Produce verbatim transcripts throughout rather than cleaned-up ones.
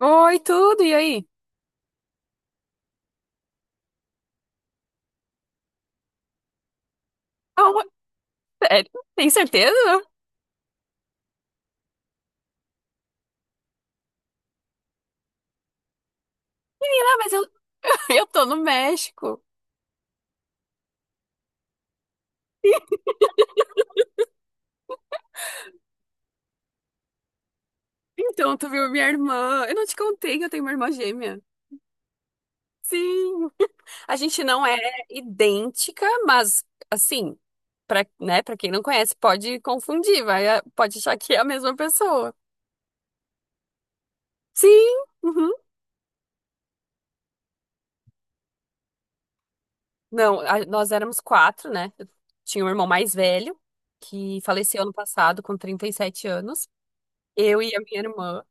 Oi, tudo, e aí? Oh, sério? Tem certeza? Menina, mas eu, eu tô no México. Então, tu viu minha irmã? Eu não te contei que eu tenho uma irmã gêmea. Sim. A gente não é idêntica, mas, assim, pra, né, pra quem não conhece, pode confundir, vai, pode achar que é a mesma pessoa. Sim. Uhum. Não, a- nós éramos quatro, né? Eu tinha um irmão mais velho, que faleceu ano passado com trinta e sete anos. Eu e a minha irmã.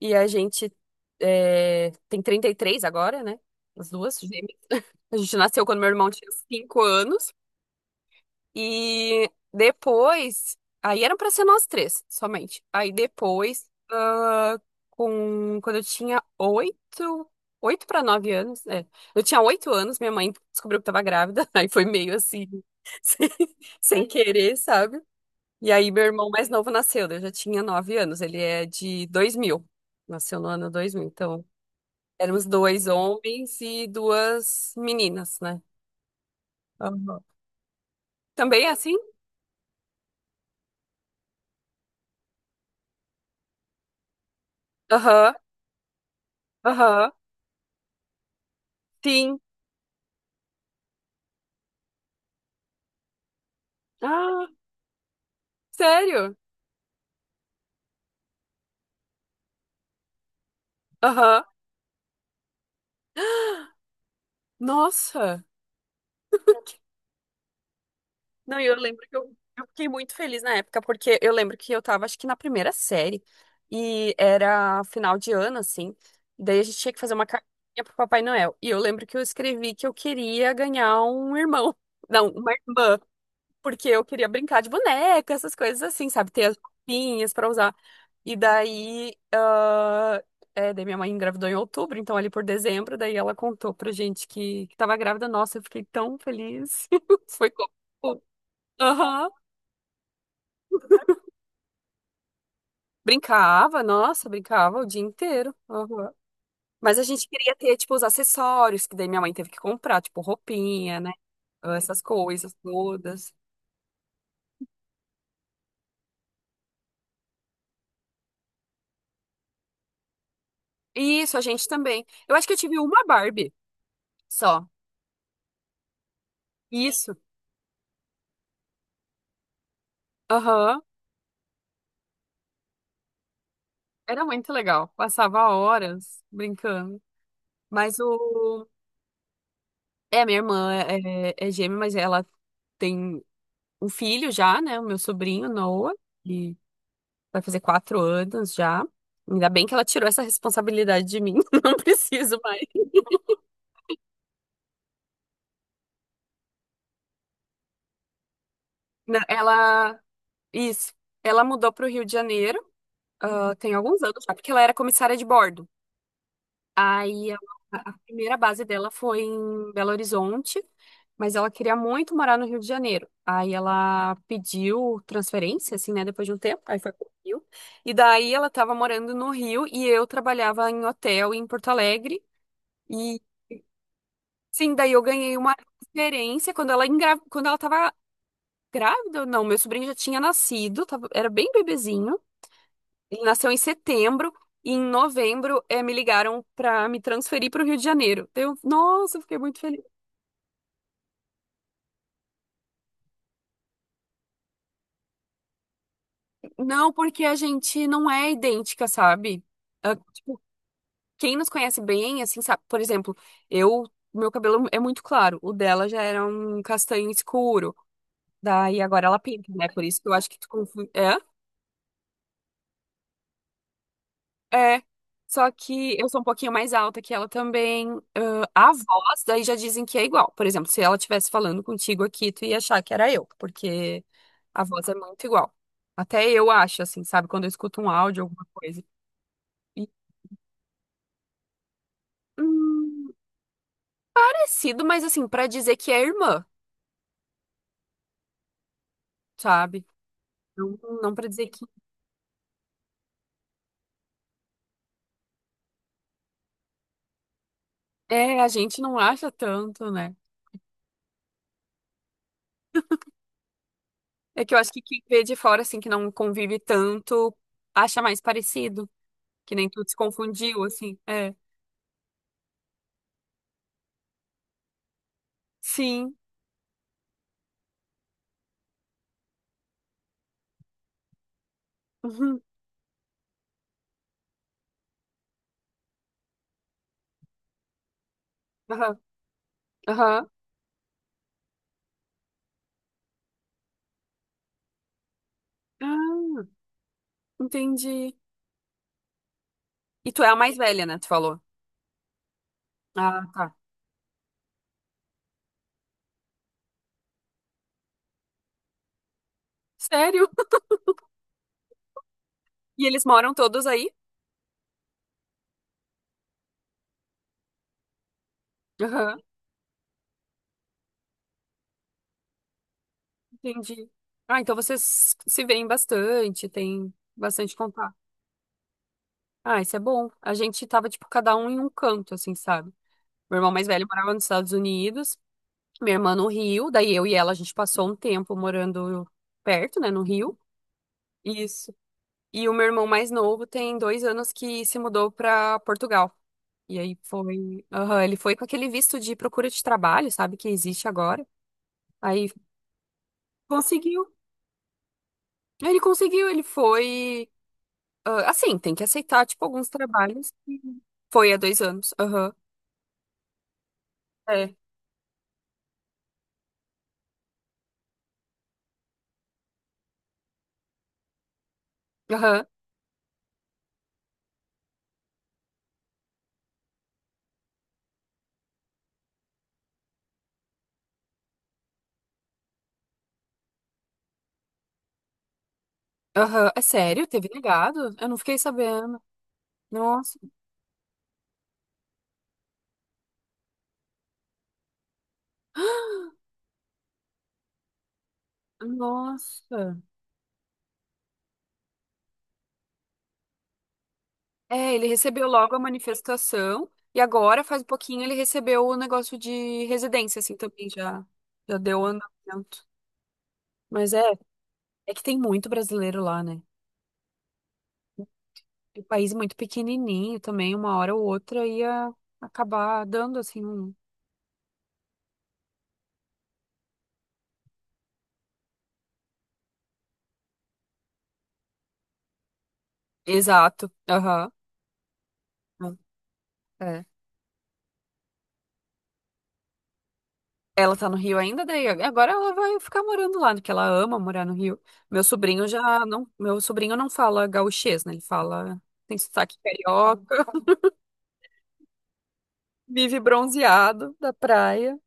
E a gente é, tem trinta e três agora, né? As duas gêmeas. A gente nasceu quando meu irmão tinha cinco anos. E depois. Aí eram pra ser nós três, somente. Aí depois, ah, com, quando eu tinha oito oito para nove anos, é. Eu tinha oito anos, minha mãe descobriu que tava grávida. Aí foi meio assim, sem, sem querer, sabe? E aí meu irmão mais novo nasceu, eu já tinha nove anos. Ele é de dois mil, nasceu no ano dois mil. Então. Éramos dois homens e duas meninas, né? Aham. Também é assim? Aham, aham, sim. Ah, sério? Aham. Nossa. Não, e eu lembro que eu, eu fiquei muito feliz na época, porque eu lembro que eu tava, acho que na primeira série, e era final de ano, assim, daí a gente tinha que fazer uma cartinha pro Papai Noel. E eu lembro que eu escrevi que eu queria ganhar um irmão. Não, uma irmã. Porque eu queria brincar de boneca, essas coisas assim, sabe? Ter as roupinhas pra usar. E daí, ah, é, daí minha mãe engravidou em outubro, então ali por dezembro, daí ela contou pra gente que, que tava grávida. Nossa, eu fiquei tão feliz. Foi como... Aham. Brincava, nossa, brincava o dia inteiro. Aham. Mas a gente queria ter, tipo, os acessórios, que daí minha mãe teve que comprar, tipo, roupinha, né? Essas coisas todas. Isso, a gente também. Eu acho que eu tive uma Barbie só. Isso. Aham. Era muito legal. Passava horas brincando. Mas o. É, minha irmã é, é gêmea, mas ela tem um filho já, né? O meu sobrinho, Noah, que vai fazer quatro anos já. Ainda bem que ela tirou essa responsabilidade de mim. Não preciso mais. Na- Ela. Isso. Ela mudou para o Rio de Janeiro, ah, tem alguns anos já, porque ela era comissária de bordo. Aí ela- a primeira base dela foi em Belo Horizonte, mas ela queria muito morar no Rio de Janeiro. Aí ela pediu transferência, assim, né, depois de um tempo, aí foi pro Rio. E daí ela estava morando no Rio e eu trabalhava em hotel em Porto Alegre. E sim, daí eu ganhei uma transferência quando ela engra... quando ela tava grávida, não, meu sobrinho já tinha nascido, tava- era bem bebezinho. Ele nasceu em setembro e em novembro eh, me ligaram para me transferir para o Rio de Janeiro. Daí eu, nossa, eu fiquei muito feliz. Não, porque a gente não é idêntica, sabe? Ah, tipo, quem nos conhece bem, assim, sabe? Por exemplo, eu, meu cabelo é muito claro, o dela já era um castanho escuro. Daí agora ela pinta, né? Por isso que eu acho que tu confunde. É, só que eu sou um pouquinho mais alta que ela também. Ah, a voz, daí já dizem que é igual. Por exemplo, se ela estivesse falando contigo aqui, tu ia achar que era eu, porque a voz é muito igual. Até eu acho, assim, sabe? Quando eu escuto um áudio, alguma coisa. E, hum, parecido, mas assim, pra dizer que é irmã, sabe? Não, não pra dizer que. É, a gente não acha tanto, né? É que eu acho que quem vê de fora, assim, que não convive tanto, acha mais parecido. Que nem tu se confundiu, assim. É. Sim. Uhum. Aham. Aham. Ah, entendi. E tu é a mais velha, né? Tu falou. Ah, tá. Sério? E eles moram todos aí? Aham. Entendi. Ah, então vocês se veem bastante, tem bastante contato. Ah, isso é bom. A gente tava, tipo, cada um em um canto, assim, sabe? Meu irmão mais velho morava nos Estados Unidos, minha irmã no Rio, daí eu e ela, a gente passou um tempo morando perto, né, no Rio. Isso. E o meu irmão mais novo tem dois anos que se mudou para Portugal. E aí foi. Aham, ele foi com aquele visto de procura de trabalho, sabe, que existe agora. Aí conseguiu. Ele conseguiu, ele foi. Ah, assim, tem que aceitar, tipo, alguns trabalhos. Foi há dois anos. Aham. É. Aham. Aham. É sério? Teve negado? Eu não fiquei sabendo. Nossa, nossa. É, ele recebeu logo a manifestação e agora, faz um pouquinho, ele recebeu o negócio de residência, assim, também já, já deu andamento. Mas é, é que tem muito brasileiro lá, né? E o país é muito pequenininho também, uma hora ou outra ia acabar dando, assim, um... Exato, aham. É. Ela tá no Rio ainda, daí agora ela vai ficar morando lá, né, porque ela ama morar no Rio. Meu sobrinho já não, meu sobrinho não fala gauchês, né? Ele fala, tem sotaque carioca. Vive bronzeado da praia.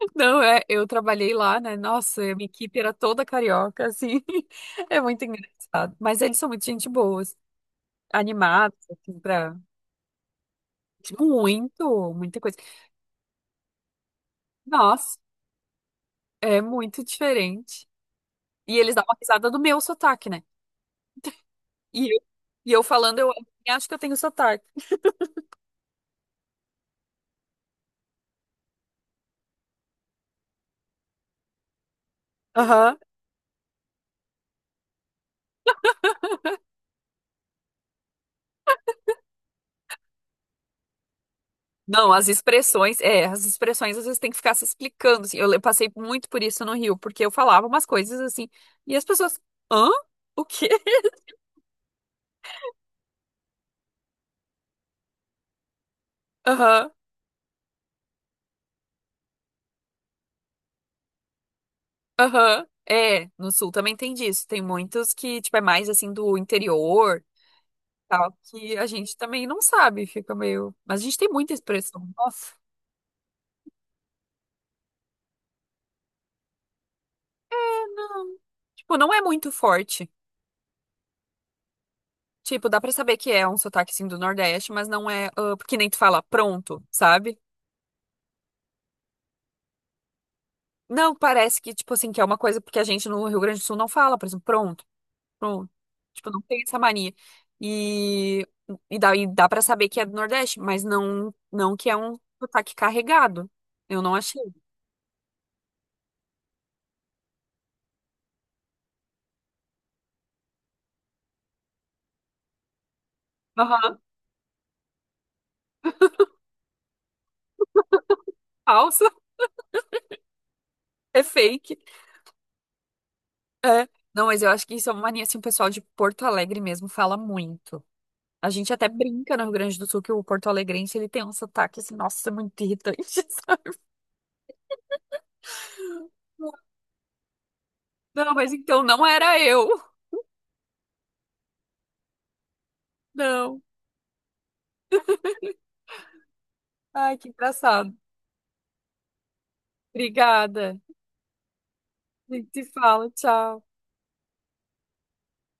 Não, é, eu trabalhei lá, né? Nossa, a minha equipe era toda carioca, assim. É muito engraçado. Mas eles são muito gente boas animados, assim, pra... Muito, muita coisa. Nossa, é muito diferente. E eles dão uma risada do meu sotaque, né? E eu, e eu falando, eu acho que eu tenho sotaque. Aham. Não, as expressões, é, as expressões às vezes tem que ficar se explicando, assim. Eu le- passei muito por isso no Rio, porque eu falava umas coisas assim, e as pessoas, hã? O quê? Aham, aham. É, no Sul também tem disso. Tem muitos que, tipo, é mais assim do interior, tal, que a gente também não sabe, fica meio. Mas a gente tem muita expressão. Nossa, não, tipo, não é muito forte. Tipo, dá pra saber que é um sotaque assim do Nordeste, mas não é, ah, porque nem tu fala pronto, sabe? Não, parece que, tipo assim, que é uma coisa porque a gente no Rio Grande do Sul não fala, por exemplo, pronto, pronto. Tipo, não tem essa mania. E, e dá, e dá pra saber que é do Nordeste, mas não, não que é um sotaque carregado. Eu não achei. Aham. Falso, é fake. Não, mas eu acho que isso é uma mania, assim, o pessoal de Porto Alegre mesmo fala muito. A gente até brinca no Rio Grande do Sul que o porto-alegrense, ele tem um sotaque, assim, nossa, muito irritante. sabe? Não, mas então não era eu. Não. Ai, que engraçado. Obrigada. A gente se fala, tchau.